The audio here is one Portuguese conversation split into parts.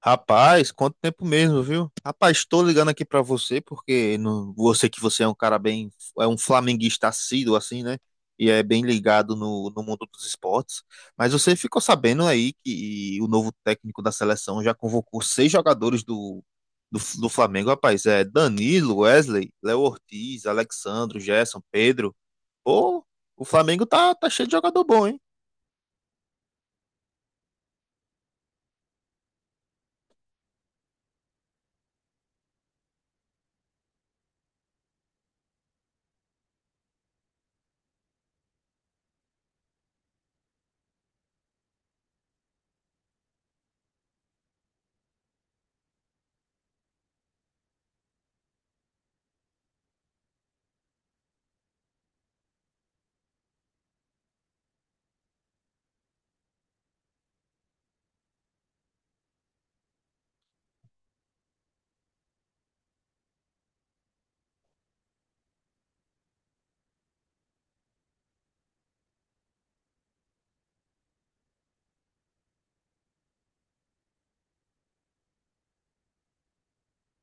Rapaz, quanto tempo mesmo, viu? Rapaz, estou ligando aqui pra você porque você que você é um cara bem, é um flamenguista assíduo assim, né? E é bem ligado no mundo dos esportes. Mas você ficou sabendo aí que o novo técnico da seleção já convocou seis jogadores do Flamengo, rapaz. É Danilo, Wesley, Léo Ortiz, Alexandro, Gerson, Pedro. Pô, o Flamengo tá cheio de jogador bom, hein?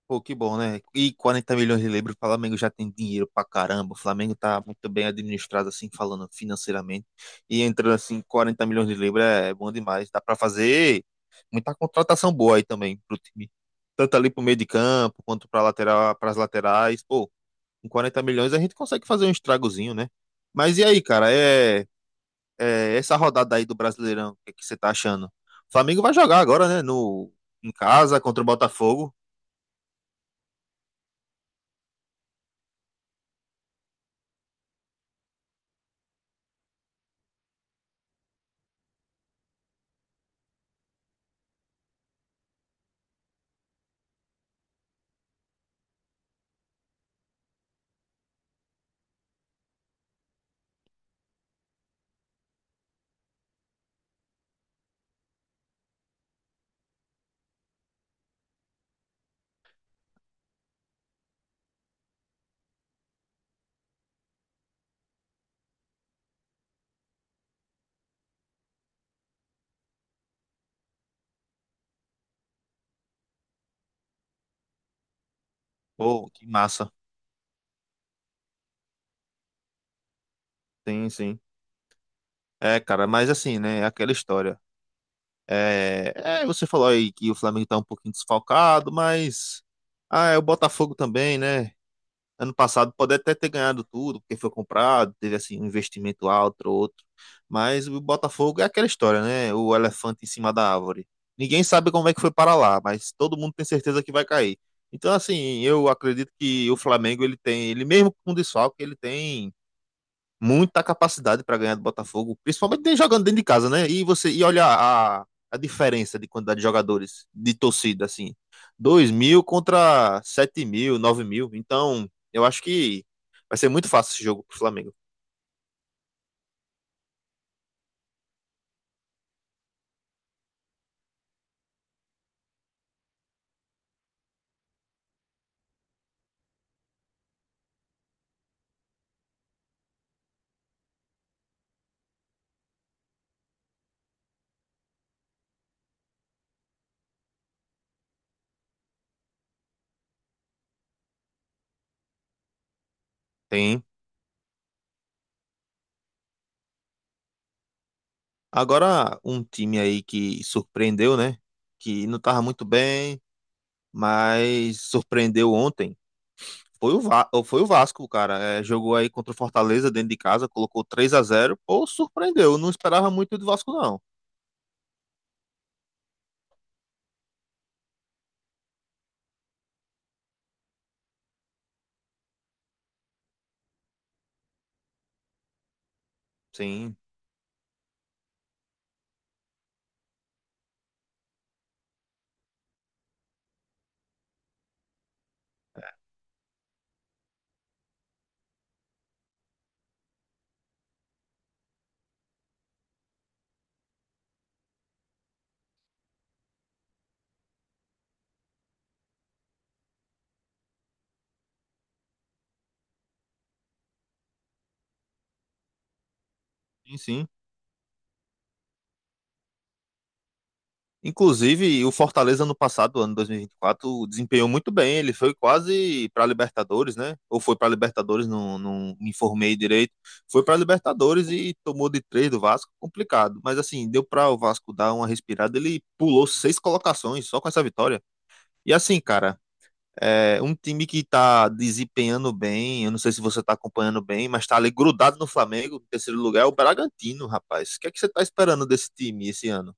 Pô, que bom, né? E 40 milhões de libras, o Flamengo já tem dinheiro pra caramba. O Flamengo tá muito bem administrado, assim, falando financeiramente. E entrando, assim, 40 milhões de libras é bom demais. Dá pra fazer muita contratação boa aí também pro time. Tanto ali pro meio de campo, quanto pra lateral, pras laterais. Pô, com 40 milhões a gente consegue fazer um estragozinho, né? Mas e aí, cara? Essa rodada aí do Brasileirão, o que é que você tá achando? O Flamengo vai jogar agora, né? No, Em casa, contra o Botafogo. Pô, que massa. Sim, sim. É, cara, mas assim, né? É aquela história. É, você falou aí que o Flamengo tá um pouquinho desfalcado, mas. Ah, é o Botafogo também, né? Ano passado pode até ter ganhado tudo, porque foi comprado, teve assim um investimento alto, outro. Mas o Botafogo é aquela história, né? O elefante em cima da árvore. Ninguém sabe como é que foi para lá, mas todo mundo tem certeza que vai cair. Então, assim, eu acredito que o Flamengo, ele tem, ele mesmo com desfalque, ele tem muita capacidade para ganhar do Botafogo, principalmente jogando dentro de casa, né? E você e olha a diferença de quantidade de jogadores, de torcida, assim, 2 mil contra 7 mil, 9 mil. Então, eu acho que vai ser muito fácil esse jogo pro Flamengo. Tem. Agora, um time aí que surpreendeu, né? Que não tava muito bem, mas surpreendeu ontem. Foi foi o Vasco, cara. É, jogou aí contra o Fortaleza dentro de casa, colocou 3-0. Pô, surpreendeu. Eu não esperava muito do Vasco, não. Sim, sim, sim. Inclusive, o Fortaleza no passado, ano dois mil e vinte e quatro desempenhou muito bem. Ele foi quase para Libertadores, né? Ou foi para Libertadores, não, não me informei direito. Foi para Libertadores e tomou de três do Vasco, complicado. Mas assim, deu para o Vasco dar uma respirada. Ele pulou seis colocações só com essa vitória. E assim, cara, é um time que tá desempenhando bem. Eu não sei se você tá acompanhando bem, mas tá ali grudado no Flamengo, em terceiro lugar, é o Bragantino, rapaz. O que é que você tá esperando desse time esse ano?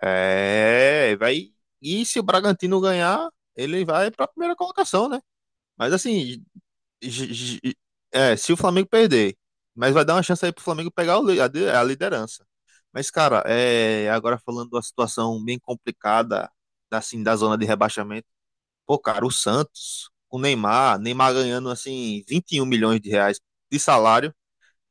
É, vai. E se o Bragantino ganhar, ele vai para a primeira colocação, né? Mas assim, j- j- é, se o Flamengo perder, mas vai dar uma chance aí pro Flamengo pegar o li- a de- a liderança. Mas, cara, é, agora falando da situação bem complicada, assim, da zona de rebaixamento, pô, cara, o Santos, Neymar ganhando, assim, 21 milhões de reais de salário.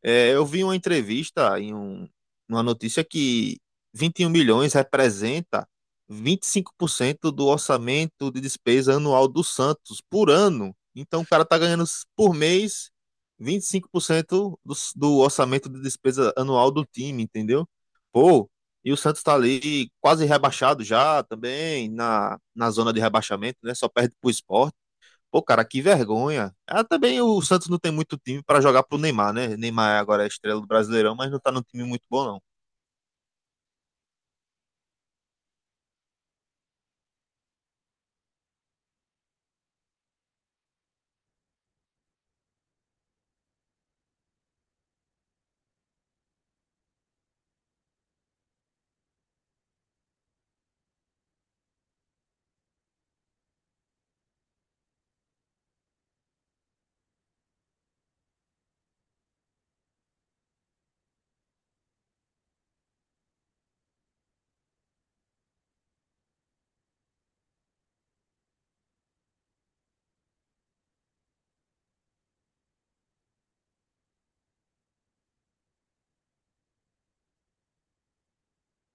É, eu vi uma notícia que 21 milhões representa 25% do orçamento de despesa anual do Santos por ano. Então o cara tá ganhando por mês 25% do orçamento de despesa anual do time, entendeu? Pô, e o Santos tá ali quase rebaixado já também na zona de rebaixamento, né? Só perde pro Sport. Pô, cara, que vergonha. Ah, também o Santos não tem muito time pra jogar pro Neymar, né? Neymar agora é estrela do Brasileirão, mas não tá num time muito bom, não.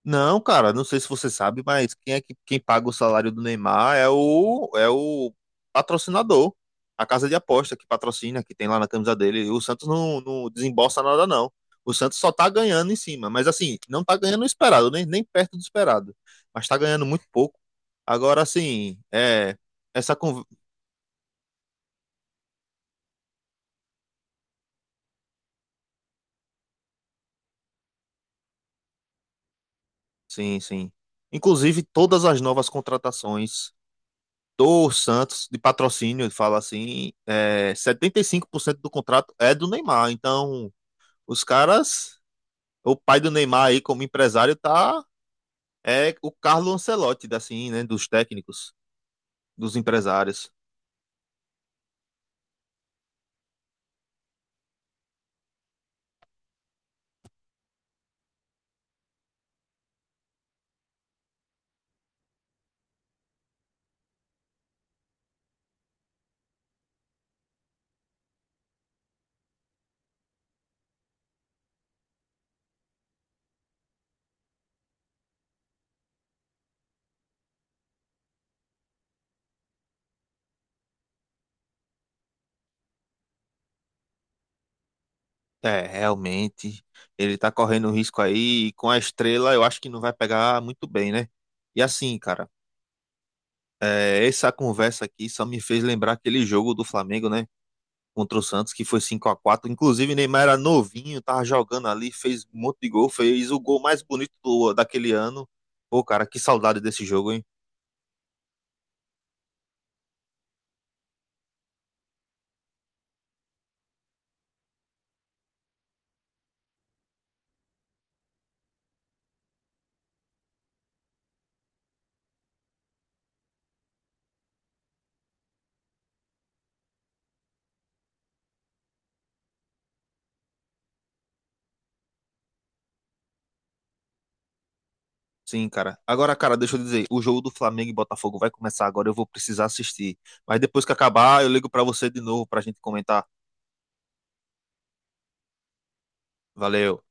Não, cara, não sei se você sabe, mas quem é que quem paga o salário do Neymar é o patrocinador, a casa de aposta que patrocina, que tem lá na camisa dele. E o Santos não desembolsa nada, não. O Santos só tá ganhando em cima, mas assim, não tá ganhando o esperado, nem perto do esperado. Mas tá ganhando muito pouco. Agora, assim, é, essa conversa. Sim, sim. Inclusive, todas as novas contratações do Santos, de patrocínio, fala assim, é, 75% do contrato é do Neymar. Então, os caras, o pai do Neymar aí como empresário tá, é o Carlo Ancelotti, assim, né, dos técnicos, dos empresários. É, realmente, ele tá correndo risco aí, e com a estrela eu acho que não vai pegar muito bem, né? E assim, cara, é, essa conversa aqui só me fez lembrar aquele jogo do Flamengo, né? Contra o Santos, que foi 5-4. Inclusive, Neymar era novinho, tava jogando ali, fez um monte de gol, fez o gol mais bonito daquele ano. Pô, cara, que saudade desse jogo, hein? Sim, cara. Agora, cara, deixa eu dizer, o jogo do Flamengo e Botafogo vai começar agora, eu vou precisar assistir. Mas depois que acabar, eu ligo pra você de novo pra gente comentar. Valeu.